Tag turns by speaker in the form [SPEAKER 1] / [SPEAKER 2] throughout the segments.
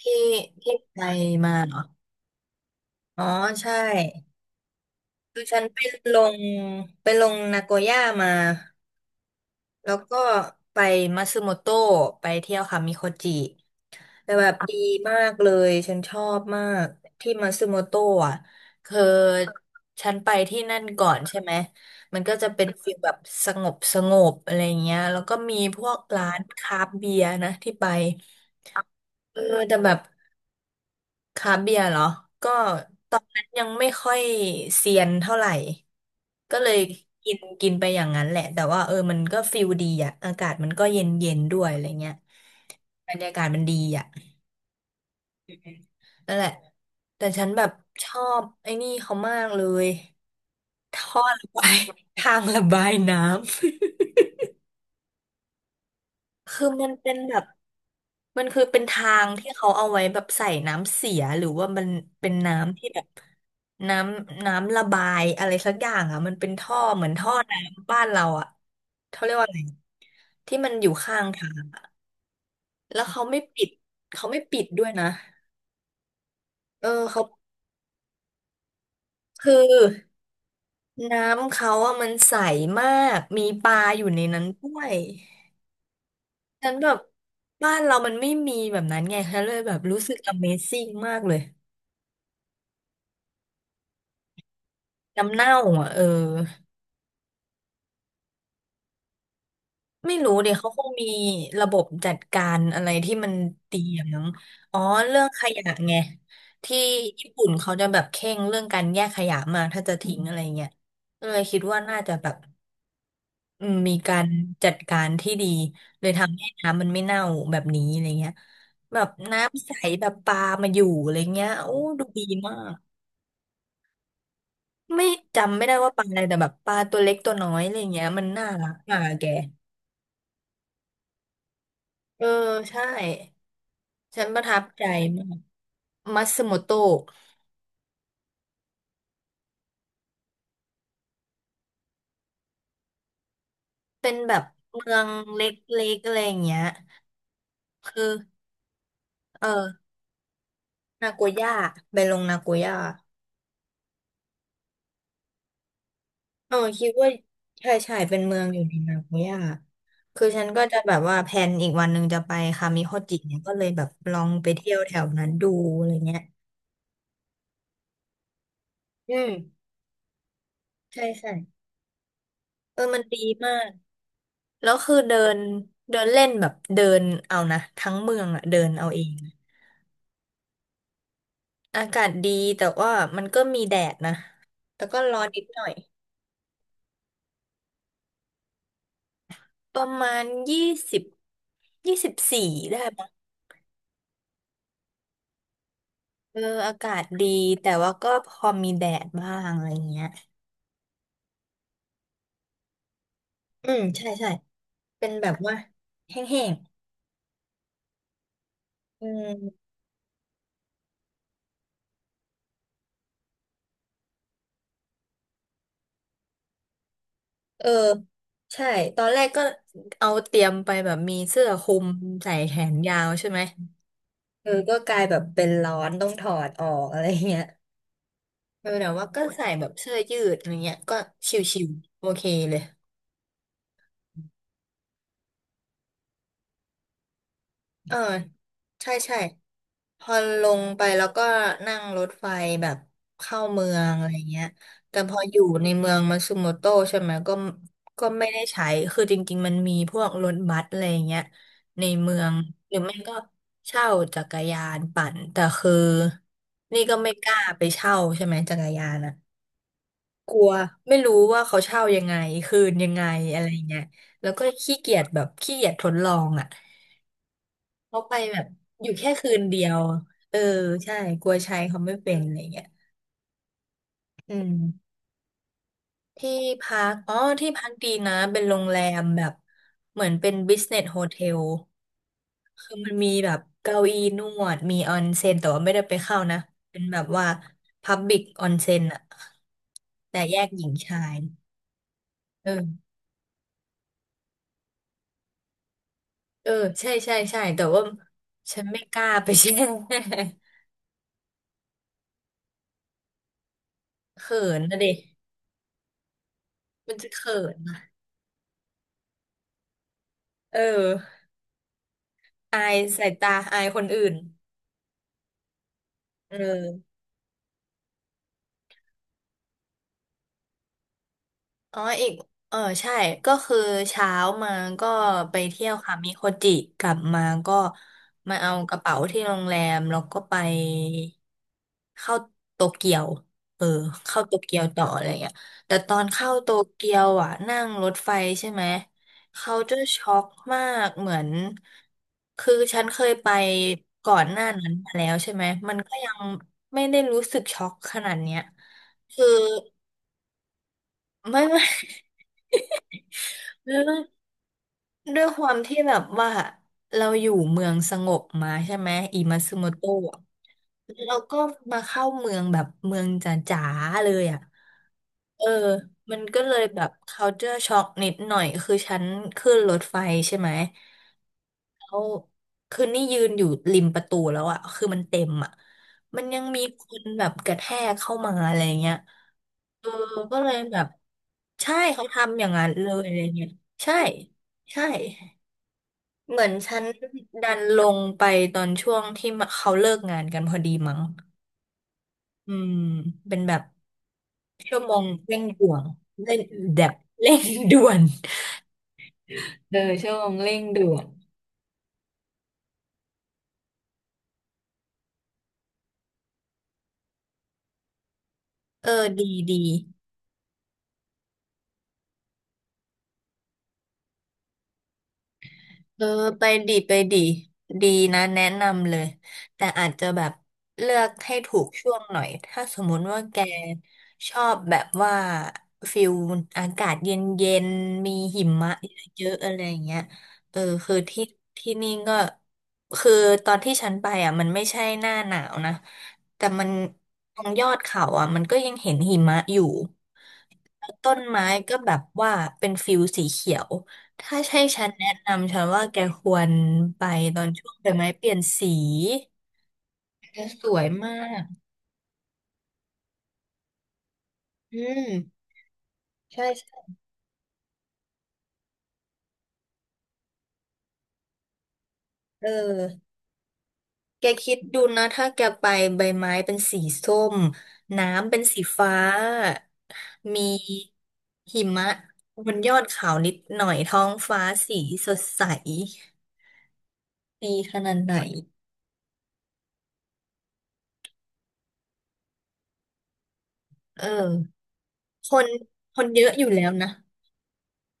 [SPEAKER 1] ที่ที่ไปมาเหรอ อ๋อใช่ คือฉันลงไปลงนาโกย่ามา แล้วก็ไปมัตสึโมโตะไปเที่ยวคามิโคจิแต่แบบดีมากเลยฉันชอบมากที่มัตสึโมโตะอ่ะคือฉันไปที่นั่นก่อนใช่ไหมมันก็จะเป็นฟีลแบบสงบสงบอะไรเงี้ยแล้วก็มีพวกร้านคราฟต์เบียร์นะที่ไปเออแต่แบบ คราฟต์เบียร์เหรอ ก็ตอนนั้นยังไม่ค่อยเซียนเท่าไหร่ ก็เลยกินกินไปอย่างนั้นแหละ แต่ว่าเออมันก็ฟิลดีอ่ะอากาศมันก็เย็นเย็นด้วยอะไรเงี้ยบรรยากาศมันดีอ่ะนั่นแหละแต่ฉันแบบชอบไอ้นี่เขามากเลยท่อระบาย ทางระบายน้ำ คือมันเป็นแบบมันคือเป็นทางที่เขาเอาไว้แบบใส่น้ำเสียหรือว่ามันเป็นน้ำที่แบบน้ำระบายอะไรสักอย่างอ่ะมันเป็นท่อเหมือนท่อน้ำบ้านเราอ่ะเขาเรียกว่าอะไรที่มันอยู่ข้างทางแล้วเขาไม่ปิดเขาไม่ปิดด้วยนะเออเขาคือน้ำเขาอะมันใสมากมีปลาอยู่ในนั้นด้วยฉันแบบบ้านเรามันไม่มีแบบนั้นไงฉันเลยแบบรู้สึก Amazing มากเลย น้ำเน่าอ่ะเออไม่รู้เดี๋ยวเขาคงมีระบบจัดการอะไรที่มันดีอย่างนั้นอ๋อเรื่องขยะไงที่ญี่ปุ่นเขาจะแบบเคร่งเรื่องการแยกขยะมากถ้าจะทิ้งอะไรเงี้ยก็เลยคิดว่าน่าจะแบบอืมมีการจัดการที่ดีเลยทำให้น้ำมันไม่เน่าแบบนี้อะไรเงี้ยแบบน้ำใสแบบปลามาอยู่อะไรเงี้ยโอ้ดูดีมากไม่ไม่ได้ว่าปลาอะไรแต่แบบปลาตัวเล็กตัวน้อยอะไรเงี้ยมันน่ารักอ่ะแกเออใช่ ฉันประทับใจมากมัตสึโมโตะเป็นแบบเมืองเล็กๆอะไรอย่างเงี้ยคือเออนาโกย่าไปลงนาโกย่าเออคิดว่าใช่ใช่เป็นเมืองอยู่ในนาโกย่าคือฉันก็จะแบบว่าแพลนอีกวันหนึ่งจะไปคามิโฮจิเนี่ยก็เลยแบบลองไปเที่ยวแถวนั้นดูอะไรเงี้ยอืมใช่ใช่เออมันดีมากแล้วคือเดินเดินเล่นแบบเดินเอานะทั้งเมืองอะเดินเอาเอง อากาศดีแต่ว่ามันก็มีแดดนะแต่ก็ร้อนนิดหน่อยประมาณยี่สิบยี่สิบสี่ได้มั้งเอออากาศดีแต่ว่าก็พอมีแดดบ้างอะไรเงี้ยอืมใช่ใช่เป็นแบบว่าแห้งๆอืมเออใช่ตอนแรกก็เอาเตรียมไปแบบมีเสื้อคลุมใส่แขนยาวใช่ไหมเออก็กลายแบบเป็นร้อนต้องถอดออกอะไรเงี้ยเออแต่ว่าก็ใส่แบบเสื้อยืดอะไรเงี้ยก็ชิวๆโอเคเลย เออใช่ใช่พอลงไปแล้วก็นั่งรถไฟแบบเข้าเมืองอะไรเงี้ยแต่พออยู่ในเมืองมันซูโมโตใช่ไหมก็ไม่ได้ใช้คือจริงๆมันมีพวกรถบัสอะไรเงี้ยในเมืองหรือไม่ก็เช่าจักรยานปั่นแต่คือนี่ก็ไม่กล้าไปเช่าใช่ไหมจักรยานอ่ะกลัวไม่รู้ว่าเขาเช่ายังไงคืนยังไงอะไรเงี้ยแล้วก็ขี้เกียจแบบขี้เกียจทดลองอ่ะ เขาไปแบบอยู่แค่คืนเดียว เออใช่กลัวใช้เขาไม่เป็นอะไรเงี้ยอืมที่พักอ๋อที่พักดีนะเป็นโรงแรมแบบเหมือนเป็นบิสเนสโฮเทลคือมันมีแบบเก้าอี้นวดมีออนเซ็นแต่ว่าไม่ได้ไปเข้านะเป็นแบบว่าพับบิกออนเซ็นอะแต่แยกหญิงชายเออเออใช่ใช่ใช่แต่ว่าฉันไม่กล้าไป แช่ เขินนะดิมันจะเขินนะเออ อายสายตาอายคนอื่นเออ อ๋ออีกเออใช่ก็คือเช้ามาก็ไปเที่ยวค่ะมิโคจิกลับมาก็มาเอากระเป๋าที่โรงแรมแล้วก็ไปเข้าโตเกียวเออเข้าโตเกียวต่ออะไรเงี้ยแต่ตอนเข้าโตเกียวอ่ะนั่งรถไฟใช่ไหมเขาจะช็อกมากเหมือนคือฉันเคยไปก่อนหน้านั้นมาแล้วใช่ไหมมันก็ยังไม่ได้รู้สึกช็อกขนาดเนี้ยคือไม่ ไม่ ไม่ไม่ ด้วยความที่แบบว่าเราอยู่เมืองสงบมาใช่ไหมอิมาซึโมโตะแล้วเราก็มาเข้าเมืองแบบเมืองจ๋าๆเลยอ่ะเออมันก็เลยแบบ culture shock นิดหน่อยคือฉันขึ้นรถไฟใช่ไหมแล้วคือนี่ยืนอยู่ริมประตูแล้วอ่ะคือมันเต็มอ่ะมันยังมีคนแบบกระแทกเข้ามาอะไรเงี้ยเออก็เลยแบบใช่เขาทำอย่างนั้นเลยอะไรเงี้ยใช่ใช่ เหมือนฉันดันลงไปตอนช่วงที่เขาเลิกงานกันพอดีมั้งอืมเป็นแบบชั่วโมงเร่งด่วนเร่งแบบเร่งด่วนเออชั่วโมงเร่งด่วนเออดีดี เออไปดีไปดีดีนะแนะนำเลยแต่อาจจะแบบเลือกให้ถูกช่วงหน่อยถ้าสมมุติว่าแกชอบแบบว่าฟิลอากาศเย็นเย็นมีหิมะเยอะๆอะไรอย่างเงี้ยเออคือที่นี่ก็คือตอนที่ฉันไปอ่ะมันไม่ใช่หน้าหนาวนะแต่มันตรงยอดเขาอ่ะมันก็ยังเห็นหิมะอยู่ต้นไม้ก็แบบว่าเป็นฟิลสีเขียว ถ้าใช่ฉันแนะนำฉันว่าแกควรไปตอนช่วงใบไม้เปลี่ยนสีแกสวยมากอืมใช่ใช่เออแกคิดดูนะถ้าแกไปใบไม้เป็นสีส้มน้ำเป็นสีฟ้ามีหิมะบนยอดเขานิดหน่อยท้องฟ้าสีสดใสดีขนาดไหนเออคนคนเยอะอยู่แล้วนะ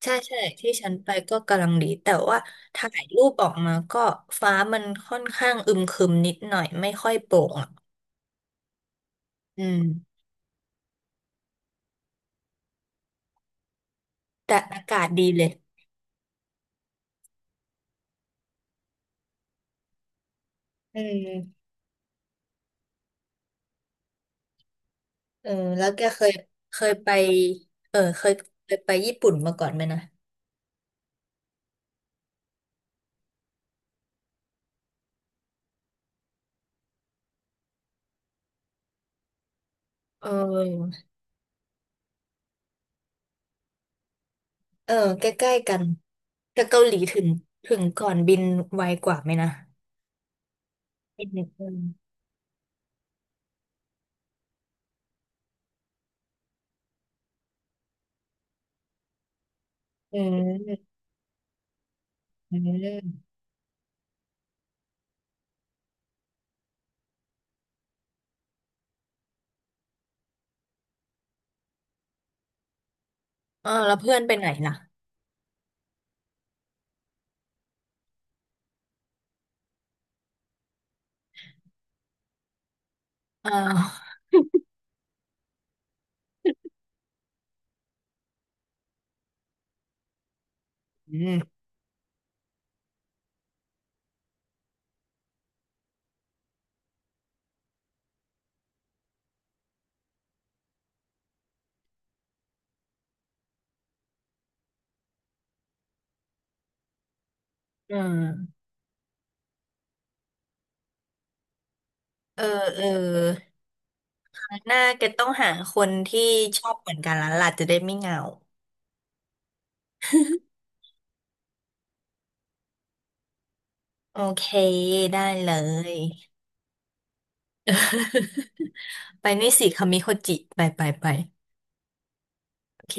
[SPEAKER 1] ใช่ใช่ที่ฉันไปก็กำลังดีแต่ว่าถ่ายรูปออกมาก็ฟ้ามันค่อนข้างอึมครึมนิดหน่อยไม่ค่อยโปร่งอ่ะอืมแต่อากาศดีเลยอืมเออแล้วแกเคยเคยไปเออเคยไปญี่ปุ่นมาก่อนไหมนะเออเออใกล้ๆกันแต่เกาหลีถึงก่อนบินไวกว่าไหมนะบินหนึ่งอืมอืมอืมเออแล้วเพื่อนไปไหนล่ะอ่าวอืมอืมเออเออ หน้าเกต้องหาคนที่ชอบเหมือนกันแล้วล่ะจะได้ไม่เหงา โอเคได้เลย ไปนี่สิคามิโคจิไปไปไป โอเค